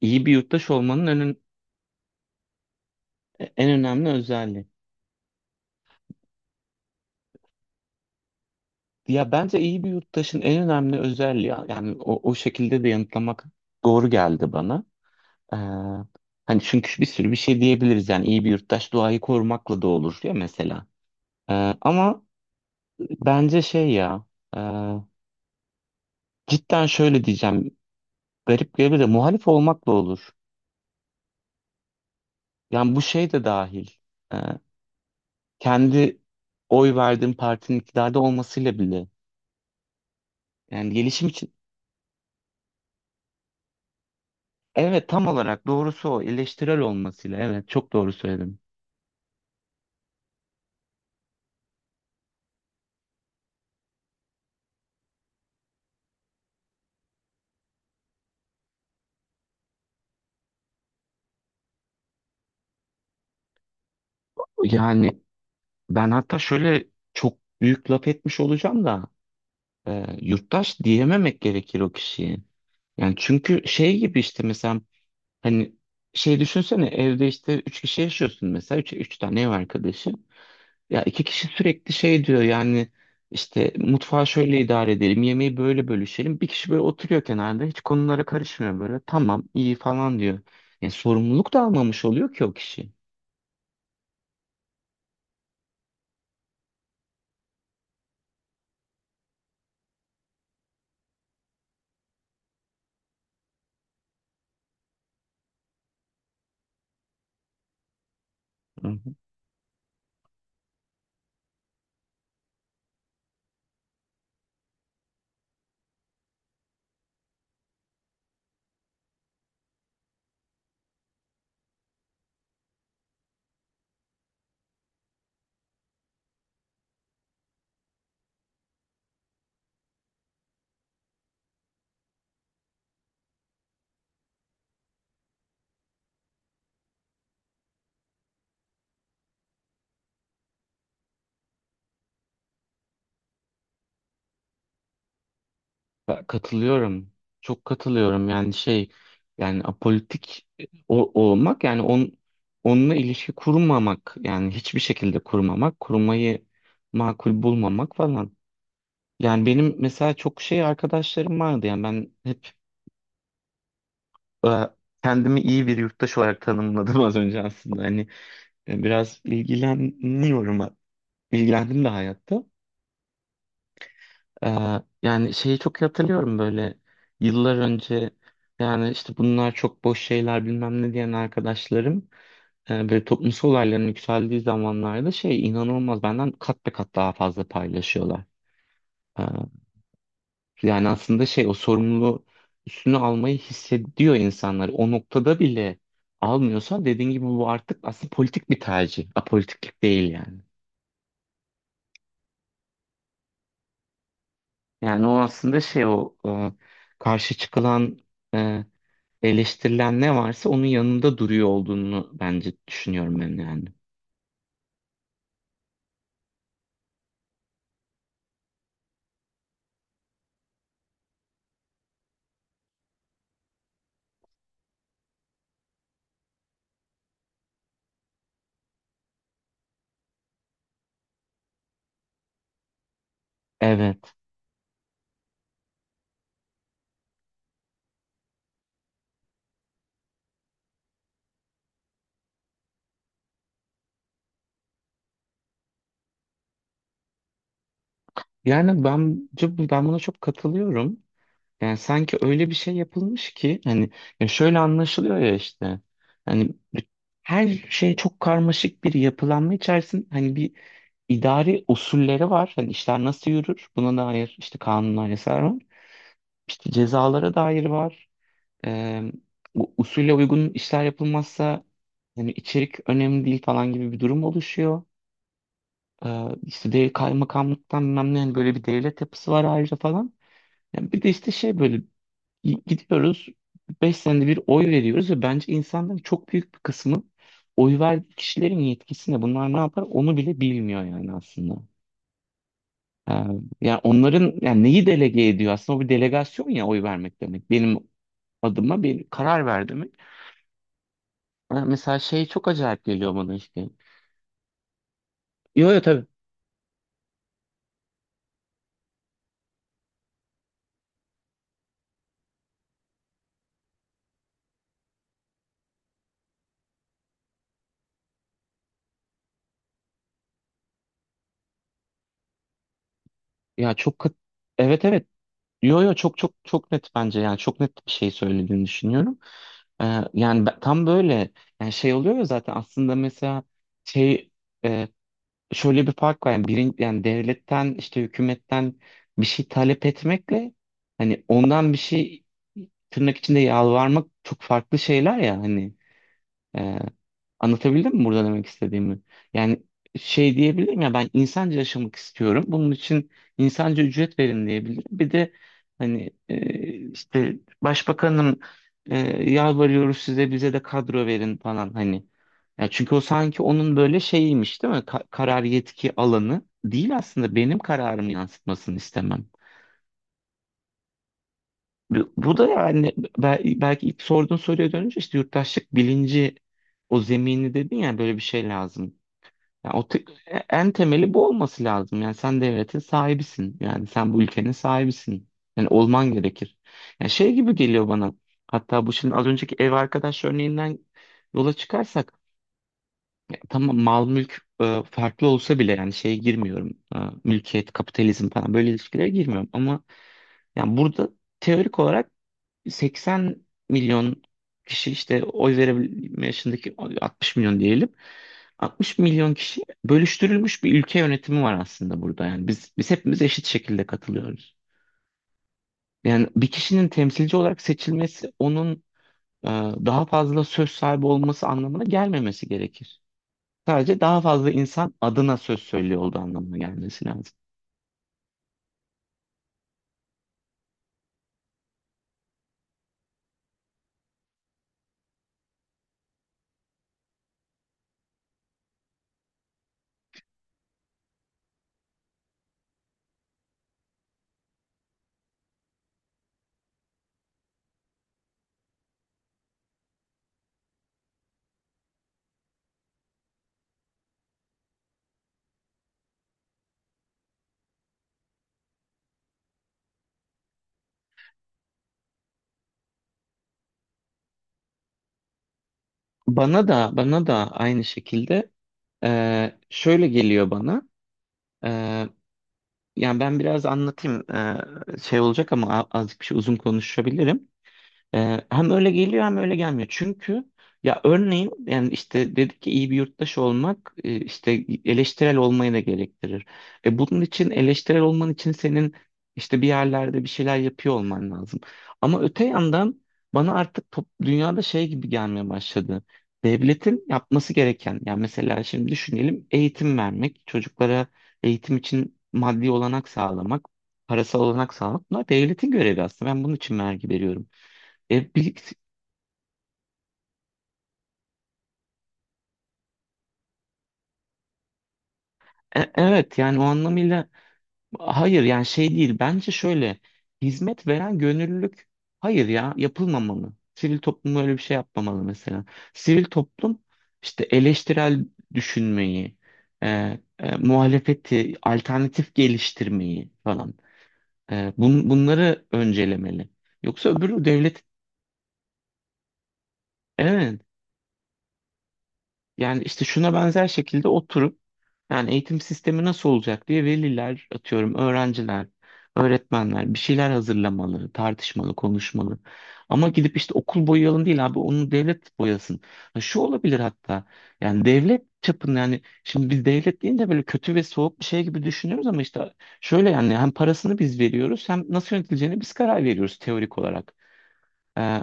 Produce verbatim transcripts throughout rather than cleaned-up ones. İyi bir yurttaş olmanın önün- en önemli özelliği. Ya bence iyi bir yurttaşın en önemli özelliği, yani o, o şekilde de yanıtlamak doğru geldi bana. Ee, hani çünkü bir sürü bir şey diyebiliriz, yani iyi bir yurttaş doğayı korumakla da olur ya mesela. Ee, ama bence şey ya, e, cidden şöyle diyeceğim, garip gelebilir de muhalif olmakla olur. Yani bu şey de dahil. Ee, kendi oy verdiğim partinin iktidarda olmasıyla bile. Yani gelişim için. Evet, tam olarak doğrusu, o eleştirel olmasıyla, evet, çok doğru söyledim. Yani ben hatta şöyle, çok büyük laf etmiş olacağım da, e, yurttaş diyememek gerekir o kişiye. Yani çünkü şey gibi işte, mesela hani şey, düşünsene evde işte üç kişi yaşıyorsun mesela, üç, üç tane ev arkadaşı. Ya iki kişi sürekli şey diyor, yani işte mutfağı şöyle idare edelim, yemeği böyle bölüşelim. Bir kişi böyle oturuyor kenarda, hiç konulara karışmıyor böyle. Tamam, iyi falan diyor. Yani sorumluluk da almamış oluyor ki o kişi. Hı hı. Ben katılıyorum. Çok katılıyorum, yani şey, yani apolitik, e, o- olmak, yani on, onunla ilişki kurmamak, yani hiçbir şekilde kurmamak, kurmayı makul bulmamak falan. Yani benim mesela çok şey arkadaşlarım vardı, yani ben hep e, kendimi iyi bir yurttaş olarak tanımladım az önce aslında. Hani e, biraz ilgileniyorum, ilgilendim de hayatta. E, yani şeyi çok iyi hatırlıyorum böyle, yıllar önce, yani işte bunlar çok boş şeyler bilmem ne diyen arkadaşlarım, e, böyle toplumsal olayların yükseldiği zamanlarda şey, inanılmaz benden kat be kat daha fazla paylaşıyorlar. Ee, Yani aslında şey, o sorumluluğu üstüne almayı hissediyor insanlar. O noktada bile almıyorsa, dediğin gibi, bu artık aslında politik bir tercih. Apolitiklik değil yani. Yani o aslında şey, o e, karşı çıkılan, e, eleştirilen ne varsa onun yanında duruyor olduğunu bence düşünüyorum ben yani. Evet. Yani bence bu- ben buna çok katılıyorum. Yani sanki öyle bir şey yapılmış ki, hani ya şöyle anlaşılıyor ya işte, hani her şey çok karmaşık bir yapılanma içerisinde, hani bir idari usulleri var. Hani işler nasıl yürür? Buna dair işte kanunlar, yasalar var. İşte cezalara dair var. Ee, bu usule uygun işler yapılmazsa, hani içerik önemli değil falan gibi bir durum oluşuyor. Ee, işte de kaymakamlıktan bilmem ne, hani böyle bir devlet yapısı var ayrıca falan. Yani bir de işte şey böyle, gidiyoruz, beş senede bir oy veriyoruz ve bence insanların çok büyük bir kısmı oy verdiği kişilerin yetkisine bunlar ne yapar onu bile bilmiyor yani aslında. Ee, yani onların, yani neyi delege ediyor aslında, o bir delegasyon ya oy vermek demek. Benim adıma bir karar ver demek. Ee, Mesela şey çok acayip geliyor bana işte. Yo yo, tabii. Ya çok kat- evet, evet. Yo yo, çok çok çok net bence, yani çok net bir şey söylediğini düşünüyorum. Ee, yani ben- tam böyle, yani şey oluyor ya zaten aslında, mesela şey, e, şöyle bir fark var yani, birin, yani devletten, işte hükümetten bir şey talep etmekle, hani ondan bir şey tırnak içinde yalvarmak çok farklı şeyler ya, hani. Ee, anlatabildim mi burada demek istediğimi? Yani şey diyebilirim ya, ben insanca yaşamak istiyorum. Bunun için insanca ücret verin diyebilirim. Bir de hani e, işte başbakanım, e, yalvarıyoruz size, bize de kadro verin falan hani. Ya çünkü o sanki onun böyle şeyiymiş değil mi? Ka- karar yetki alanı değil aslında, benim kararımı yansıtmasını istemem. Bu bu da yani, bel- belki ilk sorduğun soruya dönünce, işte yurttaşlık bilinci, o zemini dedin ya, böyle bir şey lazım. Yani o te- en temeli bu olması lazım. Yani sen devletin sahibisin. Yani sen bu ülkenin sahibisin. Yani olman gerekir. Yani şey gibi geliyor bana. Hatta bu, şimdi az önceki ev arkadaş örneğinden yola çıkarsak, ya tamam, mal mülk e, farklı olsa bile, yani şeye girmiyorum. E, mülkiyet, kapitalizm falan, böyle ilişkilere girmiyorum, ama yani burada teorik olarak seksen milyon kişi, işte oy verebilme yaşındaki altmış milyon diyelim. altmış milyon kişi bölüştürülmüş bir ülke yönetimi var aslında burada. Yani biz biz hepimiz eşit şekilde katılıyoruz. Yani bir kişinin temsilci olarak seçilmesi onun e, daha fazla söz sahibi olması anlamına gelmemesi gerekir. Sadece daha fazla insan adına söz söylüyor olduğu anlamına gelmesi lazım. Bana da, bana da aynı şekilde, e, şöyle geliyor bana. E, Yani ben biraz anlatayım. Ee, şey olacak ama, a- azıcık bir şey uzun konuşabilirim. Ee, hem öyle geliyor hem öyle gelmiyor. Çünkü ya örneğin, yani işte dedik ki iyi bir yurttaş olmak e, işte eleştirel olmayı da gerektirir. E, bunun için eleştirel olman için senin işte bir yerlerde bir şeyler yapıyor olman lazım. Ama öte yandan bana artık top, dünyada şey gibi gelmeye başladı. Devletin yapması gereken, yani mesela şimdi düşünelim, eğitim vermek, çocuklara eğitim için maddi olanak sağlamak, parasal olanak sağlamak, bunlar devletin görevi aslında. Ben bunun için vergi veriyorum. E, birlik- e- evet, yani o anlamıyla hayır, yani şey değil, bence şöyle, hizmet veren gönüllülük, hayır ya, yapılmamalı. Sivil toplum öyle bir şey yapmamalı mesela. Sivil toplum işte eleştirel düşünmeyi, e, e, muhalefeti, alternatif geliştirmeyi falan, e, bun- bunları öncelemeli. Yoksa öbürü devlet. Evet. Yani işte şuna benzer şekilde oturup. Yani eğitim sistemi nasıl olacak diye veliler, atıyorum öğrenciler, öğretmenler bir şeyler hazırlamalı, tartışmalı, konuşmalı. Ama gidip işte okul boyayalım değil, abi onu devlet boyasın. Ha, şu olabilir hatta, yani devlet çapında, yani şimdi biz devlet deyince böyle kötü ve soğuk bir şey gibi düşünüyoruz, ama işte şöyle yani, hem parasını biz veriyoruz hem nasıl yönetileceğini biz karar veriyoruz teorik olarak. Ee,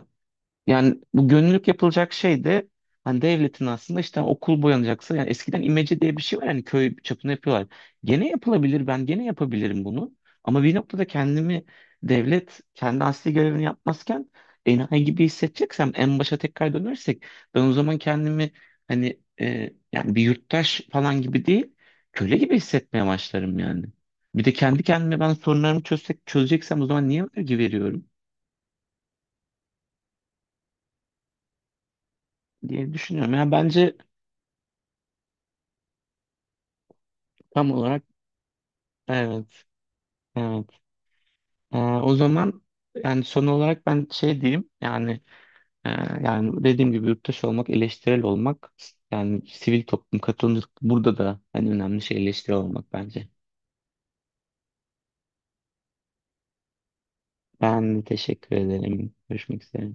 yani bu gönüllülük yapılacak şey de, hani devletin aslında işte, okul boyanacaksa, yani eskiden imece diye bir şey var, yani köy çapında yapıyorlar. Gene yapılabilir, ben gene yapabilirim bunu. Ama bir noktada kendimi, devlet kendi asli görevini yapmazken enayi gibi hissedeceksem, en başa tekrar dönersek, ben o zaman kendimi, hani e, yani bir yurttaş falan gibi değil köle gibi hissetmeye başlarım yani. Bir de kendi kendime, ben sorunlarımı çözsek, çözeceksem o zaman niye vergi veriyorum diye düşünüyorum. Yani bence tam olarak. Evet, evet. Ee, o zaman yani son olarak ben şey diyeyim, yani e, yani dediğim gibi yurttaş olmak, eleştirel olmak, yani sivil toplum, katılımcılık, burada da en önemli şey eleştirel olmak bence. Ben teşekkür ederim. Görüşmek üzere.